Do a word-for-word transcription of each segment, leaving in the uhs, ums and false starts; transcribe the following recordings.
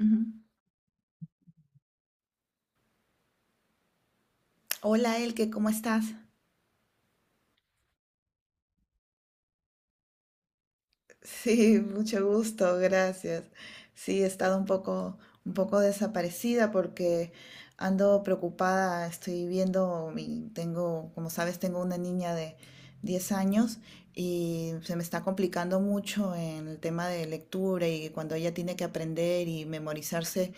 Ujú. Hola, Elke, ¿cómo estás? Sí, mucho gusto, gracias. Sí, he estado un poco, un poco desaparecida porque ando preocupada, estoy viendo, mi- tengo, como sabes, tengo una niña de diez años y se me está complicando mucho en el tema de lectura y cuando ella tiene que aprender y memorizarse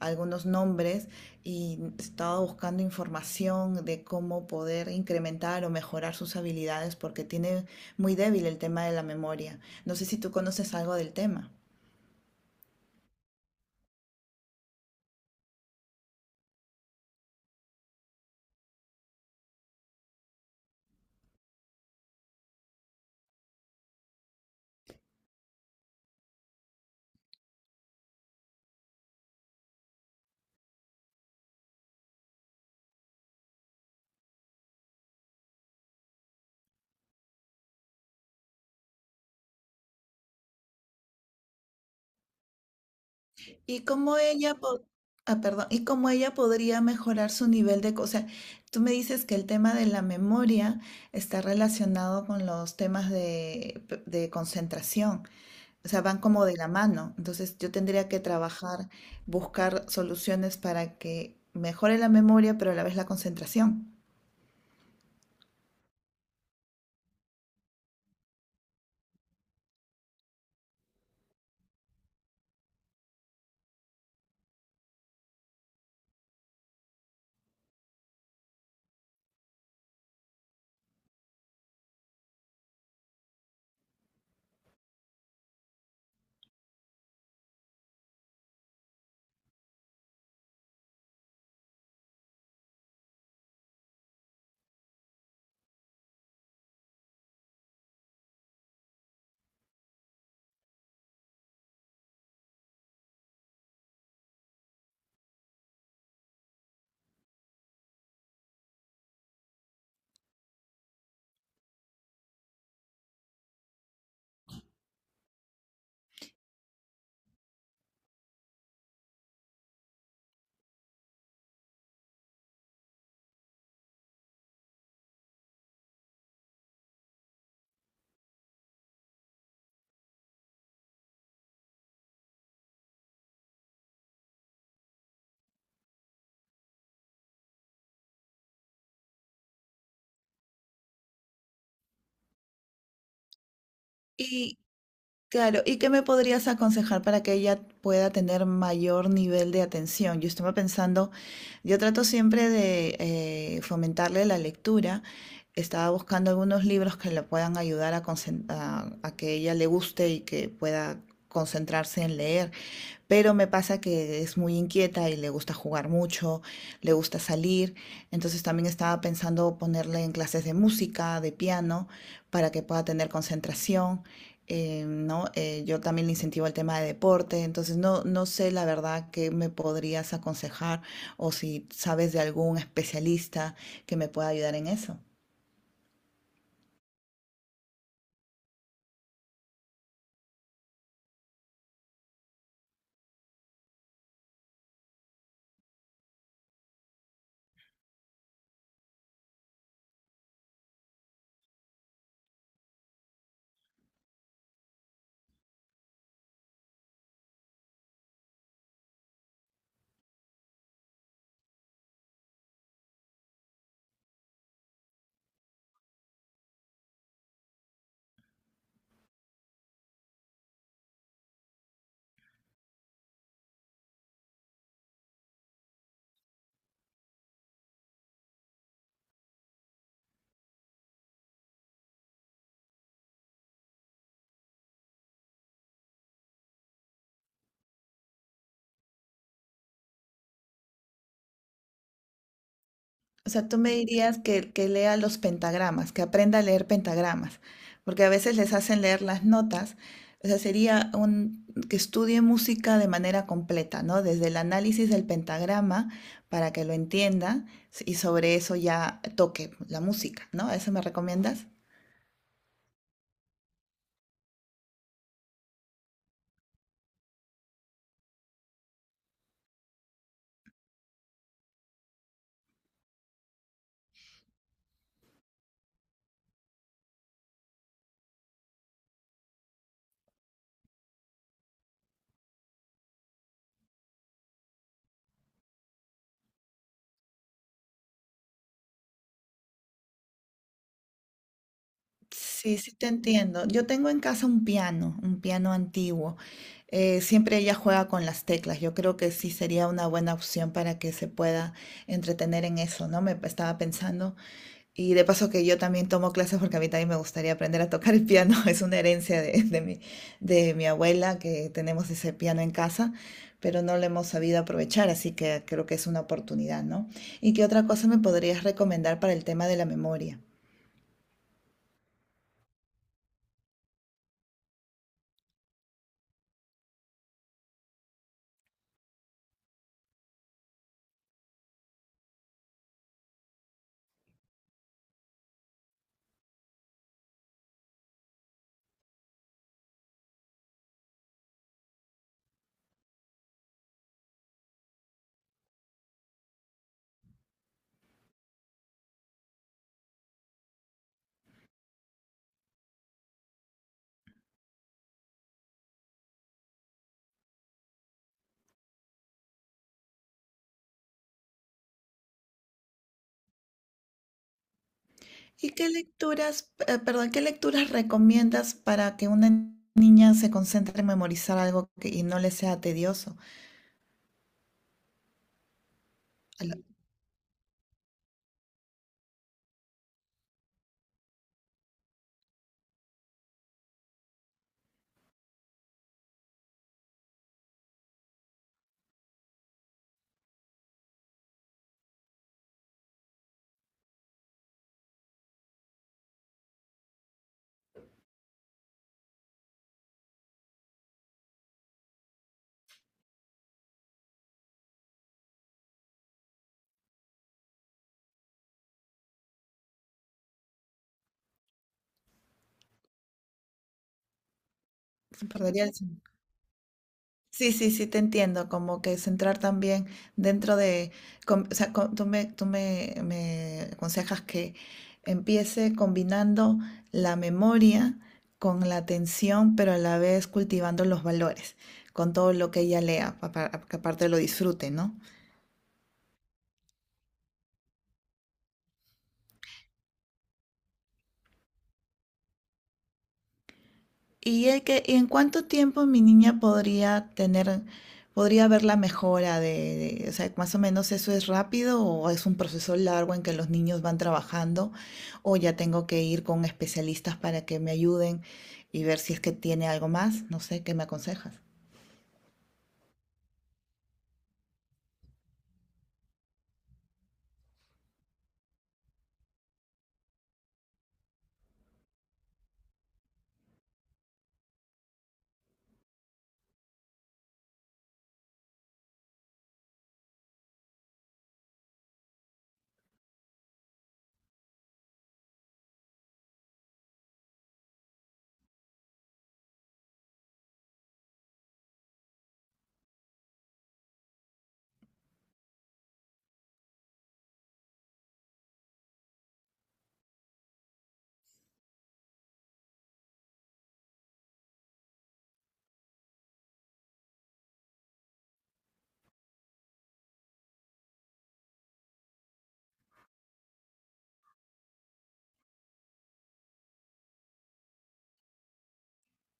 algunos nombres, y estaba buscando información de cómo poder incrementar o mejorar sus habilidades porque tiene muy débil el tema de la memoria. No sé si tú conoces algo del tema. ¿Y cómo ella, po- ah, perdón, y cómo ella podría mejorar su nivel de... co-? O sea, tú me dices que el tema de la memoria está relacionado con los temas de, de concentración. O sea, van como de la mano. Entonces yo tendría que trabajar, buscar soluciones para que mejore la memoria, pero a la vez la concentración. Y claro, ¿y qué me podrías aconsejar para que ella pueda tener mayor nivel de atención? Yo estaba pensando, yo trato siempre de eh, fomentarle la lectura. Estaba buscando algunos libros que le puedan ayudar a, concen- a a que ella le guste y que pueda concentrarse en leer. Pero me pasa que es muy inquieta y le gusta jugar mucho, le gusta salir, entonces también estaba pensando ponerle en clases de música, de piano, para que pueda tener concentración. Eh, ¿no? Eh, yo también le incentivo el tema de deporte, entonces no, no sé la verdad qué me podrías aconsejar o si sabes de algún especialista que me pueda ayudar en eso. O sea, tú me dirías que, que lea los pentagramas, que aprenda a leer pentagramas, porque a veces les hacen leer las notas. O sea, sería un, que estudie música de manera completa, ¿no? Desde el análisis del pentagrama para que lo entienda, s- y sobre eso ya toque la música, ¿no? ¿Eso me recomiendas? Sí, sí te entiendo. Yo tengo en casa un piano, un piano antiguo. Eh, siempre ella juega con las teclas. Yo creo que sí sería una buena opción para que se pueda entretener en eso, ¿no? Me pe- estaba pensando. Y de paso que yo también tomo clases porque a mí también me gustaría aprender a tocar el piano. Es una herencia de, de mi, de mi abuela, que tenemos ese piano en casa, pero no lo hemos sabido aprovechar, así que creo que es una oportunidad, ¿no? ¿Y qué otra cosa me podrías recomendar para el tema de la memoria? ¿Y qué lecturas, eh, perdón, qué lecturas recomiendas para que una niña se concentre en memorizar algo que- y no le sea tedioso? Al- se perdería el sen- Sí, sí, sí, te entiendo, como que centrar también dentro de, com- o sea, co- tú me, tú me, me aconsejas que empiece combinando la memoria con la atención, pero a la vez cultivando los valores, con todo lo que ella lea, pa- para que aparte lo disfrute, ¿no? ¿Y, el que, y en cuánto tiempo mi niña podría tener, podría ver la mejora de, de- o sea, más o menos, eso es rápido o es un proceso largo en que los niños van trabajando, o ya tengo que ir con especialistas para que me ayuden y ver si es que tiene algo más? No sé, ¿qué me aconsejas?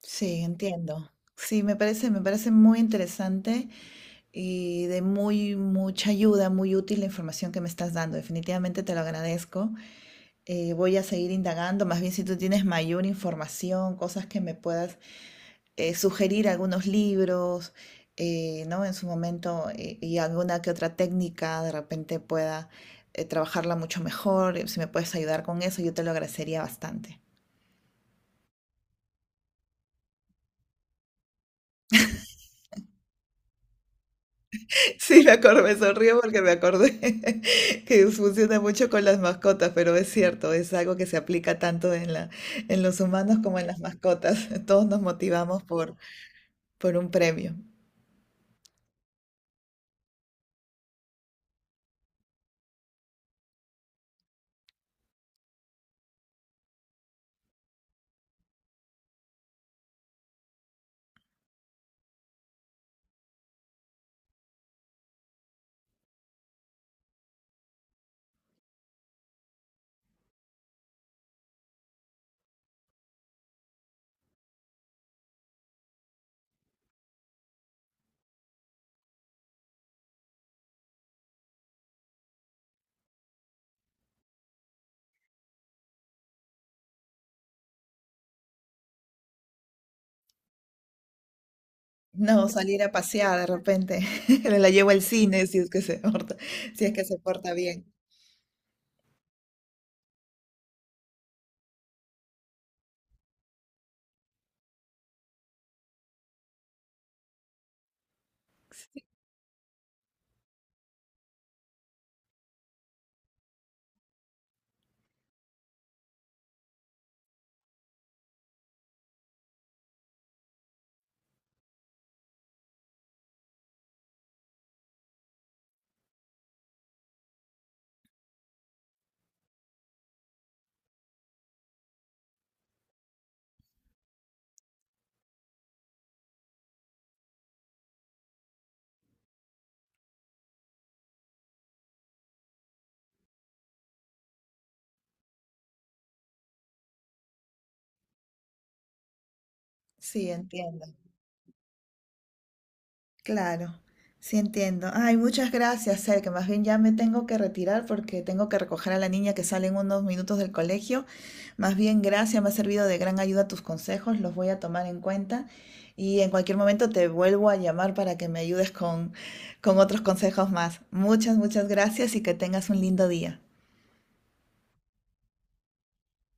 Sí, entiendo. Sí, me parece, me parece muy interesante y de muy mucha ayuda, muy útil la información que me estás dando. Definitivamente te lo agradezco. Eh, voy a seguir indagando, más bien si tú tienes mayor información, cosas que me puedas eh, sugerir, algunos libros, eh, ¿no? En su momento eh, y alguna que otra técnica de repente pueda eh, trabajarla mucho mejor. eh, Si me puedes ayudar con eso, yo te lo agradecería bastante. Sí, me acordé, me sonrío porque me acordé que funciona mucho con las mascotas, pero es cierto, es algo que se aplica tanto en la, en los humanos como en las mascotas. Todos nos motivamos por, por un premio. No, salir a pasear de repente. La llevo al cine si es que se porta, si es que se porta bien. Sí, entiendo. Claro, sí entiendo. Ay, muchas gracias, Ser, que más bien ya me tengo que retirar porque tengo que recoger a la niña que sale en unos minutos del colegio. Más bien, gracias, me ha servido de gran ayuda tus consejos, los voy a tomar en cuenta y en cualquier momento te vuelvo a llamar para que me ayudes con, con otros consejos más. Muchas, muchas gracias y que tengas un lindo día.